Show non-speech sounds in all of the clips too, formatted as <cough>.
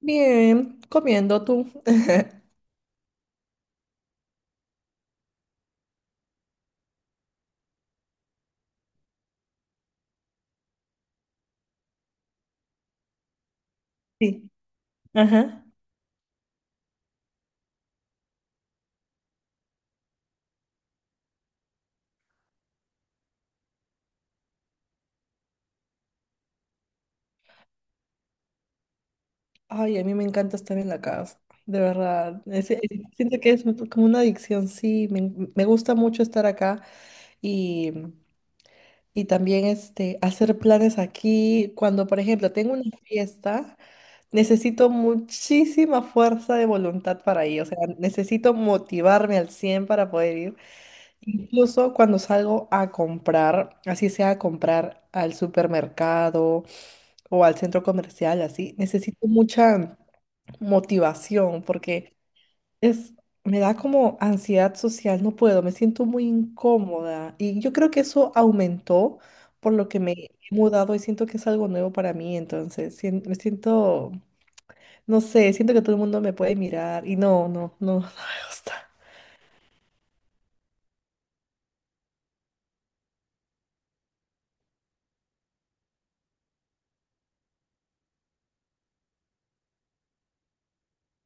Bien, comiendo tú. <laughs> Sí. Ajá. Ay, a mí me encanta estar en la casa, de verdad. Siento que es como una adicción, sí. Me gusta mucho estar acá y, y también hacer planes aquí. Cuando, por ejemplo, tengo una fiesta, necesito muchísima fuerza de voluntad para ir. O sea, necesito motivarme al 100 para poder ir. Incluso cuando salgo a comprar, así sea a comprar al supermercado o al centro comercial, así, necesito mucha motivación porque es, me da como ansiedad social, no puedo, me siento muy incómoda y yo creo que eso aumentó por lo que me he mudado y siento que es algo nuevo para mí, entonces me siento, no sé, siento que todo el mundo me puede mirar y no, no, no, <laughs> no me gusta.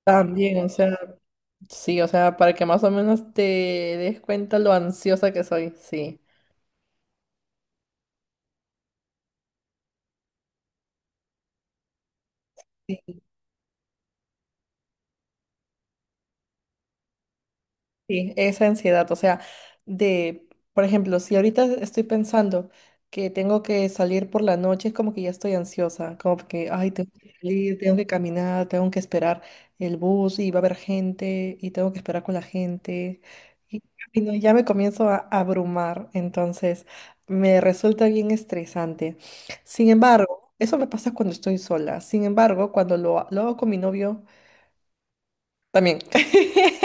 También, o sea, sí, o sea, para que más o menos te des cuenta lo ansiosa que soy, sí. Sí, esa ansiedad, o sea, de, por ejemplo, si ahorita estoy pensando que tengo que salir por la noche, es como que ya estoy ansiosa, como que, ay, tengo que salir, tengo que caminar, tengo que esperar el bus y va a haber gente y tengo que esperar con la gente. Y, y no, ya me comienzo a abrumar, entonces me resulta bien estresante. Sin embargo, eso me pasa cuando estoy sola. Sin embargo, cuando lo hago con mi novio, también. <laughs>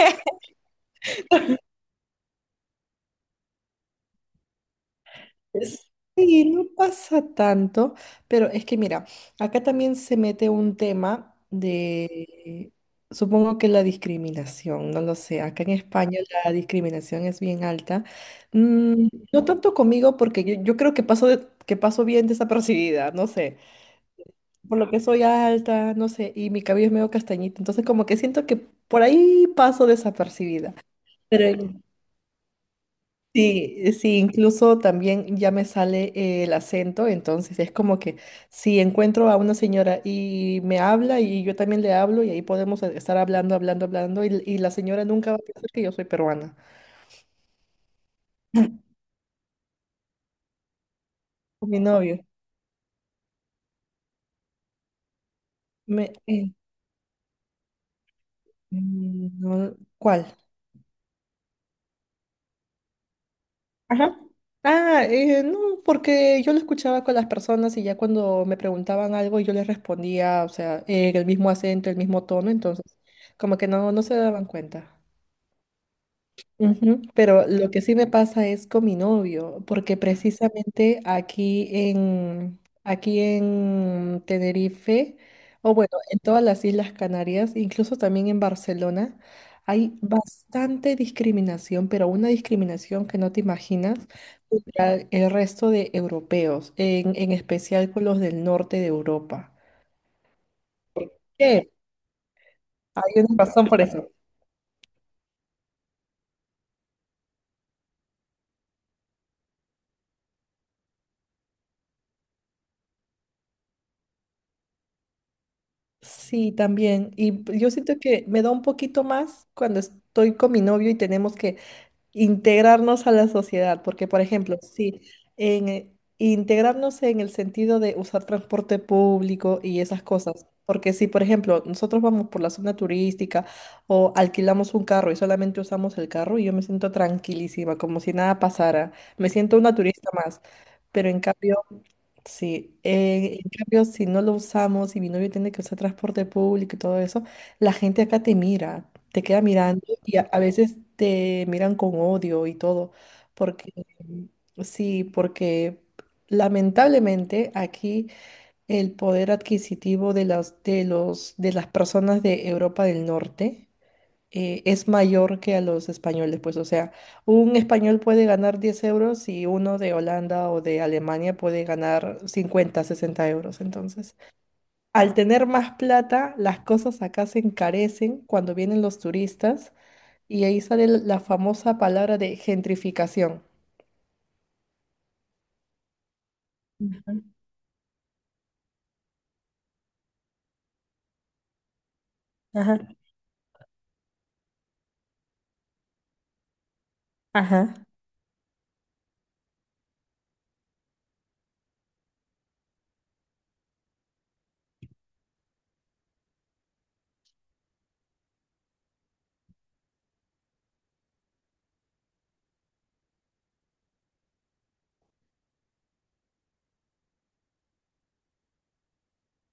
Sí, no pasa tanto, pero es que mira, acá también se mete un tema supongo que la discriminación, no lo sé, acá en España la discriminación es bien alta. Mm, no tanto conmigo porque yo creo que paso, que paso bien desapercibida, no sé, por lo que soy alta, no sé, y mi cabello es medio castañito, entonces como que siento que por ahí paso desapercibida. Pero en Sí, sí, incluso también ya me sale el acento, entonces es como que si encuentro a una señora y me habla y yo también le hablo y ahí podemos estar hablando, hablando, hablando y la señora nunca va a pensar que yo soy peruana. <laughs> Con mi novio. Me, eh, no, ¿cuál? Ajá. Ah, no, porque yo lo escuchaba con las personas y ya cuando me preguntaban algo yo les respondía, o sea, en el mismo acento, el mismo tono, entonces como que no se daban cuenta. Ujú. Pero lo que sí me pasa es con mi novio, porque precisamente aquí en Tenerife, o bueno, en todas las Islas Canarias, incluso también en Barcelona, hay bastante discriminación, pero una discriminación que no te imaginas contra el resto de europeos, en especial con los del norte de Europa. ¿Qué? Hay una razón por eso. Sí, también. Y yo siento que me da un poquito más cuando estoy con mi novio y tenemos que integrarnos a la sociedad, porque por ejemplo, sí, en, eh, integrarnos en el sentido de usar transporte público y esas cosas, porque si por ejemplo nosotros vamos por la zona turística o alquilamos un carro y solamente usamos el carro, yo me siento tranquilísima, como si nada pasara, me siento una turista más, pero en cambio. Sí, en cambio, si no lo usamos y mi novio tiene que usar transporte público y todo eso, la gente acá te mira, te queda mirando y a veces te miran con odio y todo, porque sí, porque lamentablemente aquí el poder adquisitivo de las, de los, de las personas de Europa del Norte es mayor que a los españoles. Pues, o sea, un español puede ganar 10 euros y uno de Holanda o de Alemania puede ganar 50 60 euros. Entonces, al tener más plata, las cosas acá se encarecen cuando vienen los turistas y ahí sale la famosa palabra de gentrificación. Ujú. Ajá, ajá,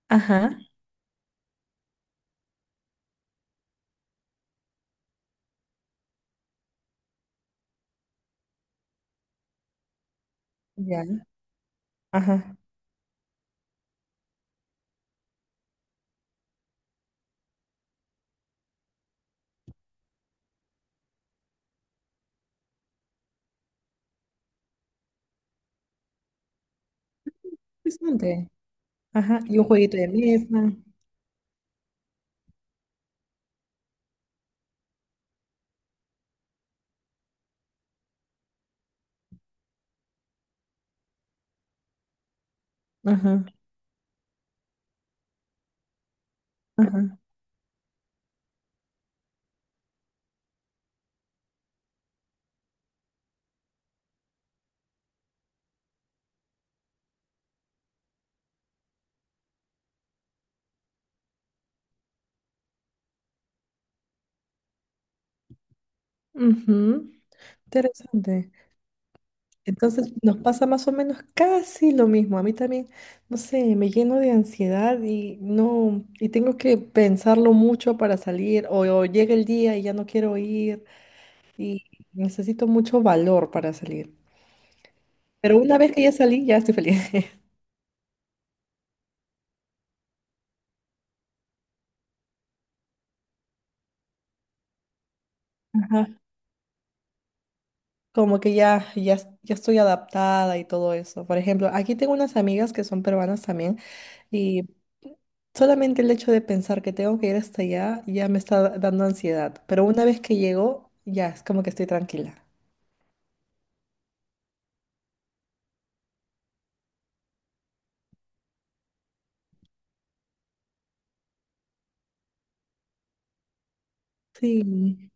ajá. Ya. Ajá. Interesante. Ajá. Y un jueguito de mesa. Ajá, ajá. Ujú. Interesante. Entonces nos pasa más o menos casi lo mismo. A mí también, no sé, me lleno de ansiedad y no, y tengo que pensarlo mucho para salir o llega el día y ya no quiero ir y necesito mucho valor para salir. Pero una vez que ya salí, ya estoy feliz. <laughs> Ajá. Como que ya estoy adaptada y todo eso. Por ejemplo, aquí tengo unas amigas que son peruanas también y solamente el hecho de pensar que tengo que ir hasta allá ya me está dando ansiedad. Pero una vez que llego, ya es como que estoy tranquila. Sí.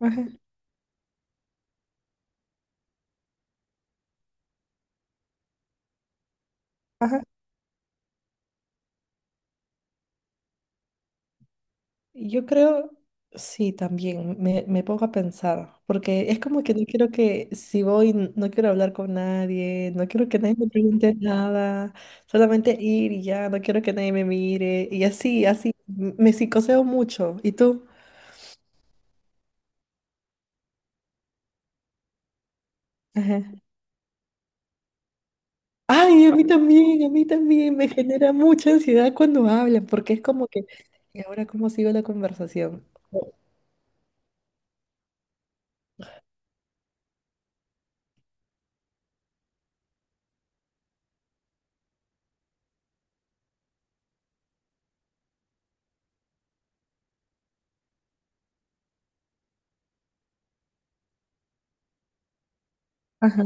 Ajá. Ajá. Yo creo, sí, también me pongo a pensar, porque es como que no quiero que, si voy, no quiero hablar con nadie, no quiero que nadie me pregunte nada, solamente ir y ya, no quiero que nadie me mire, y así, así, me psicoseo mucho. ¿Y tú? Ajá. Ay, a mí también me genera mucha ansiedad cuando hablan, porque es como que, ¿y ahora cómo sigo la conversación? O- Ajá.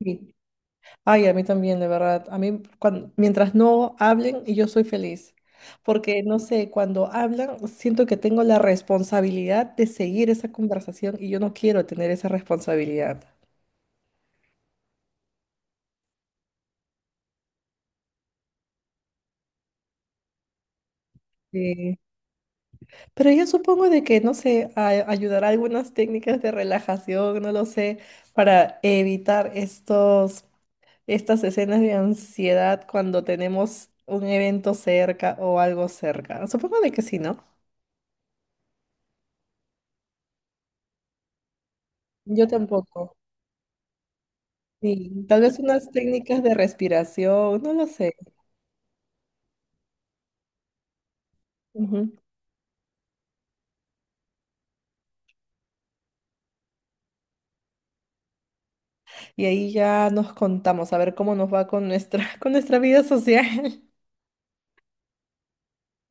Sí. Ay, a mí también, de verdad. A mí, mientras no hablen, yo soy feliz. Porque, no sé, cuando hablan, siento que tengo la responsabilidad de seguir esa conversación y yo no quiero tener esa responsabilidad. Sí. Pero yo supongo de que, no sé, ayudará algunas técnicas de relajación, no lo sé, para evitar estos, estas escenas de ansiedad cuando tenemos un evento cerca o algo cerca. Supongo de que sí, ¿no? Yo tampoco. Sí, tal vez unas técnicas de respiración, no lo sé. Ujú. Y ahí ya nos contamos a ver cómo nos va con nuestra, <laughs> con nuestra vida social.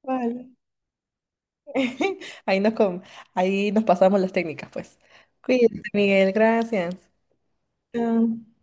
Vale. <laughs> Ahí nos, com- ahí nos pasamos las técnicas, pues. Cuídate, Miguel, gracias. Chao.